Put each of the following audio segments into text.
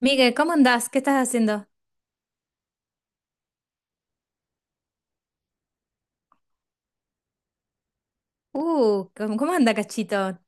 Miguel, ¿cómo andás? ¿Qué estás haciendo? ¿Cómo anda, Cachito?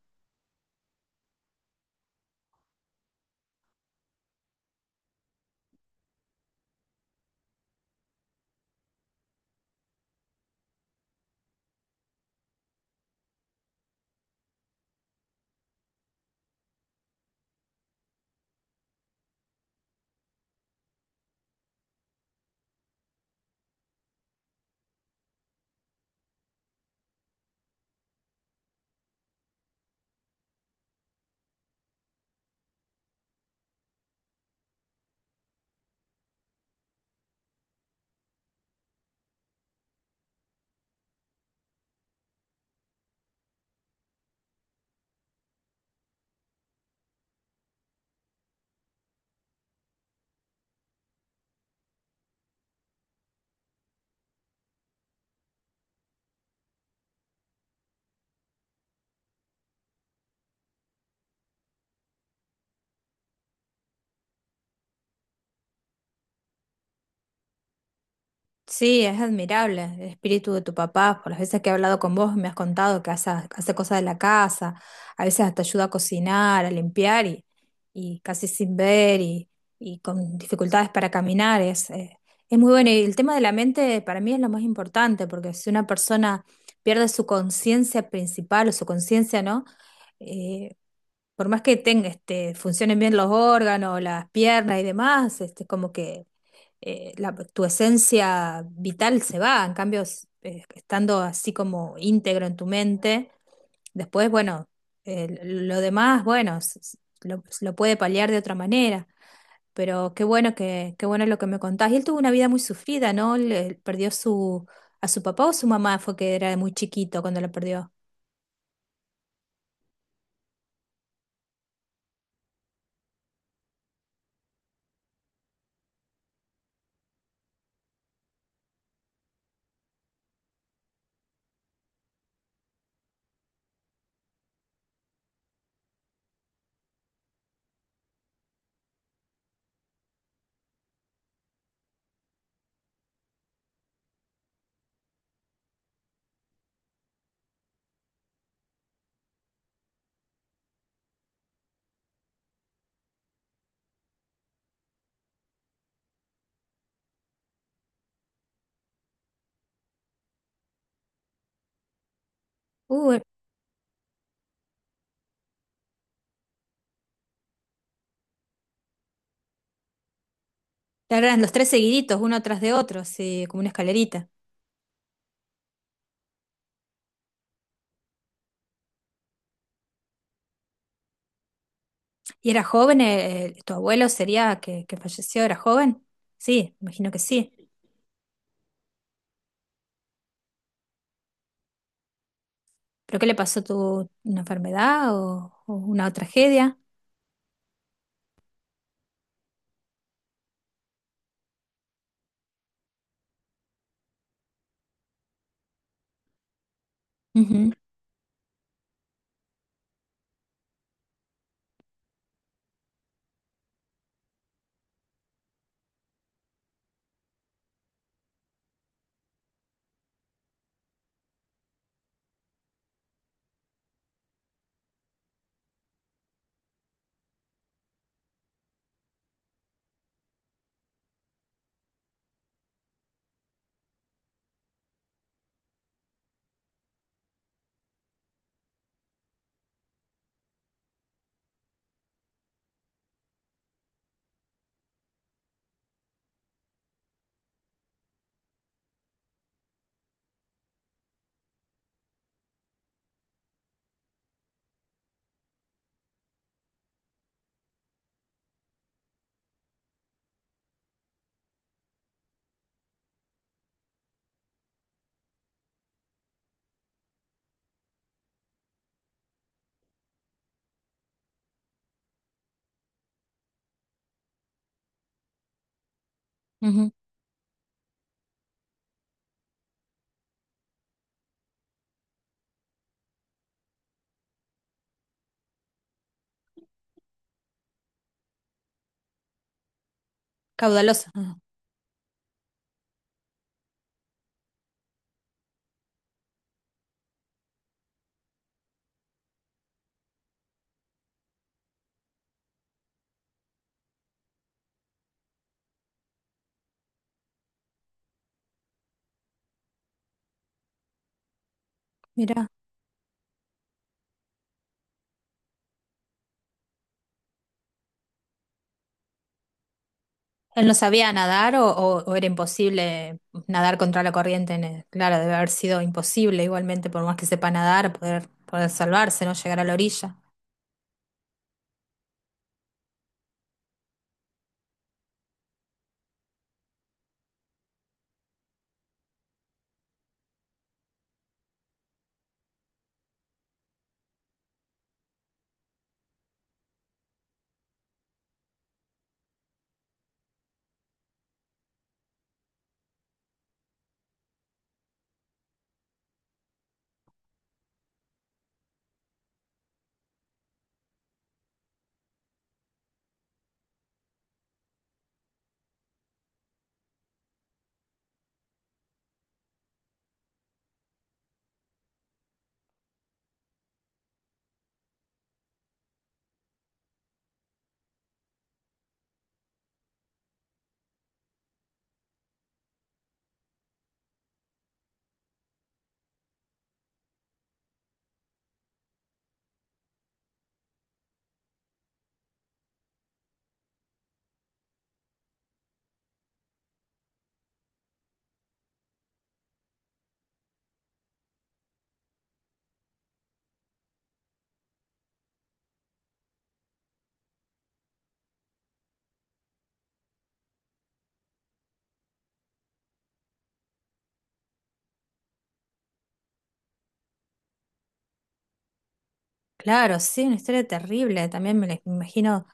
Sí, es admirable el espíritu de tu papá. Por las veces que he hablado con vos, me has contado que hace cosas de la casa, a veces hasta ayuda a cocinar, a limpiar y casi sin ver y con dificultades para caminar. Es muy bueno. Y el tema de la mente para mí es lo más importante, porque si una persona pierde su conciencia principal o su conciencia, ¿no? Eh, por más que tenga, este, funcionen bien los órganos, las piernas y demás, este, como que tu esencia vital se va, en cambio, estando así como íntegro en tu mente, después, bueno, lo demás, bueno, lo puede paliar de otra manera, pero qué bueno que, qué bueno lo que me contás. Y él tuvo una vida muy sufrida, ¿no? Perdió su, a su papá o su mamá fue que era muy chiquito cuando lo perdió. Uh, Claro, eran los tres seguiditos, uno tras de otro, sí, como una escalerita. ¿Y era joven? ¿Tu abuelo sería que falleció? ¿Era joven? Sí, imagino que sí. ¿Pero qué le pasó? ¿Tu, una enfermedad o una tragedia? Ujú, ujú. Caudaloso. Ah, mira, ¿él no sabía nadar o, o era imposible nadar contra la corriente? Claro, debe haber sido imposible igualmente, por más que sepa nadar, poder, poder salvarse, no llegar a la orilla. Claro, sí, una historia terrible. También me la imagino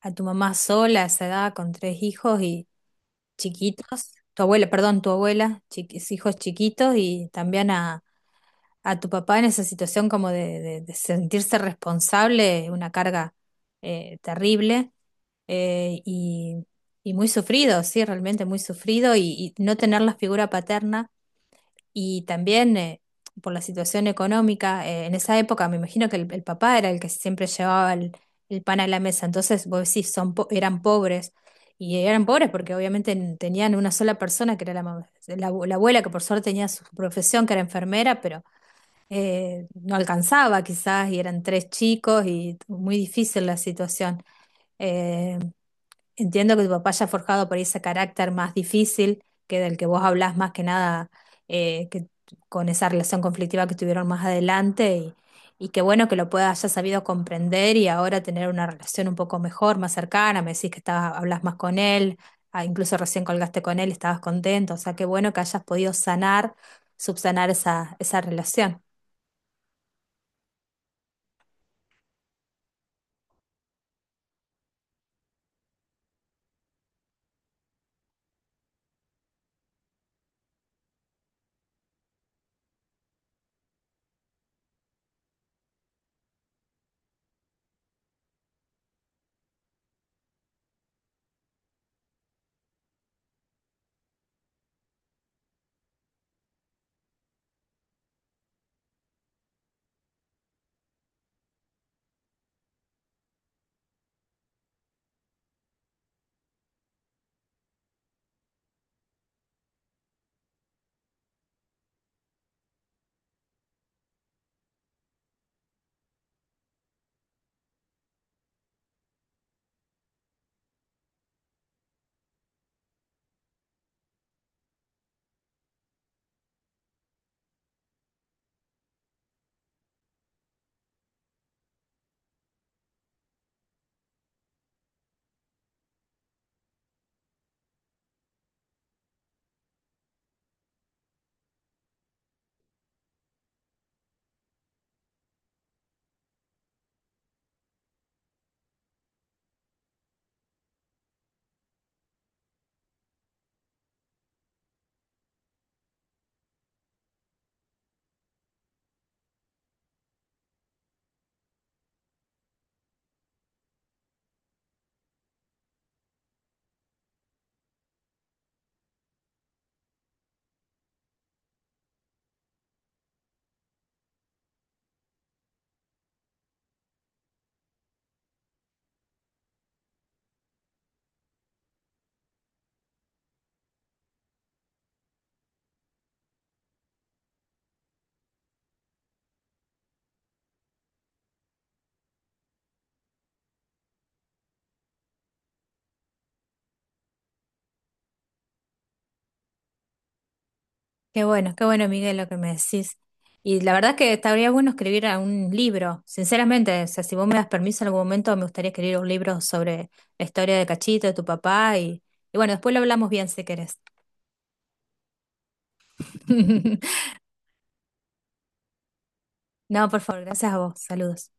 a tu mamá sola a esa edad con tres hijos y chiquitos, tu abuela, perdón, tu abuela, hijos chiquitos y también a tu papá en esa situación como de, de sentirse responsable, una carga terrible eh, y, y muy sufrido, sí, realmente muy sufrido y no tener la figura paterna. Y también por la situación económica, en esa época me imagino que el papá era el que siempre llevaba el pan a la mesa, entonces vos decís, eran pobres, y eran pobres porque obviamente tenían una sola persona que era la, la, la abuela, que por suerte tenía su profesión, que era enfermera, pero no alcanzaba quizás, y eran tres chicos, y muy difícil la situación. Eh, Entiendo que tu papá haya forjado por ahí ese carácter más difícil que del que vos hablás más que nada que con esa relación conflictiva que tuvieron más adelante y qué bueno que lo puedas haya sabido comprender y ahora tener una relación un poco mejor, más cercana, me decís que estabas, hablas más con él, ah, incluso recién colgaste con él, y estabas contento, o sea, qué bueno que hayas podido sanar, subsanar esa, esa relación. Qué bueno, Miguel, lo que me decís. Y la verdad que estaría bueno escribir a un libro, sinceramente. O sea, si vos me das permiso en algún momento, me gustaría escribir un libro sobre la historia de Cachito, de tu papá. Y bueno, después lo hablamos bien si querés. No, por favor, gracias a vos. Saludos.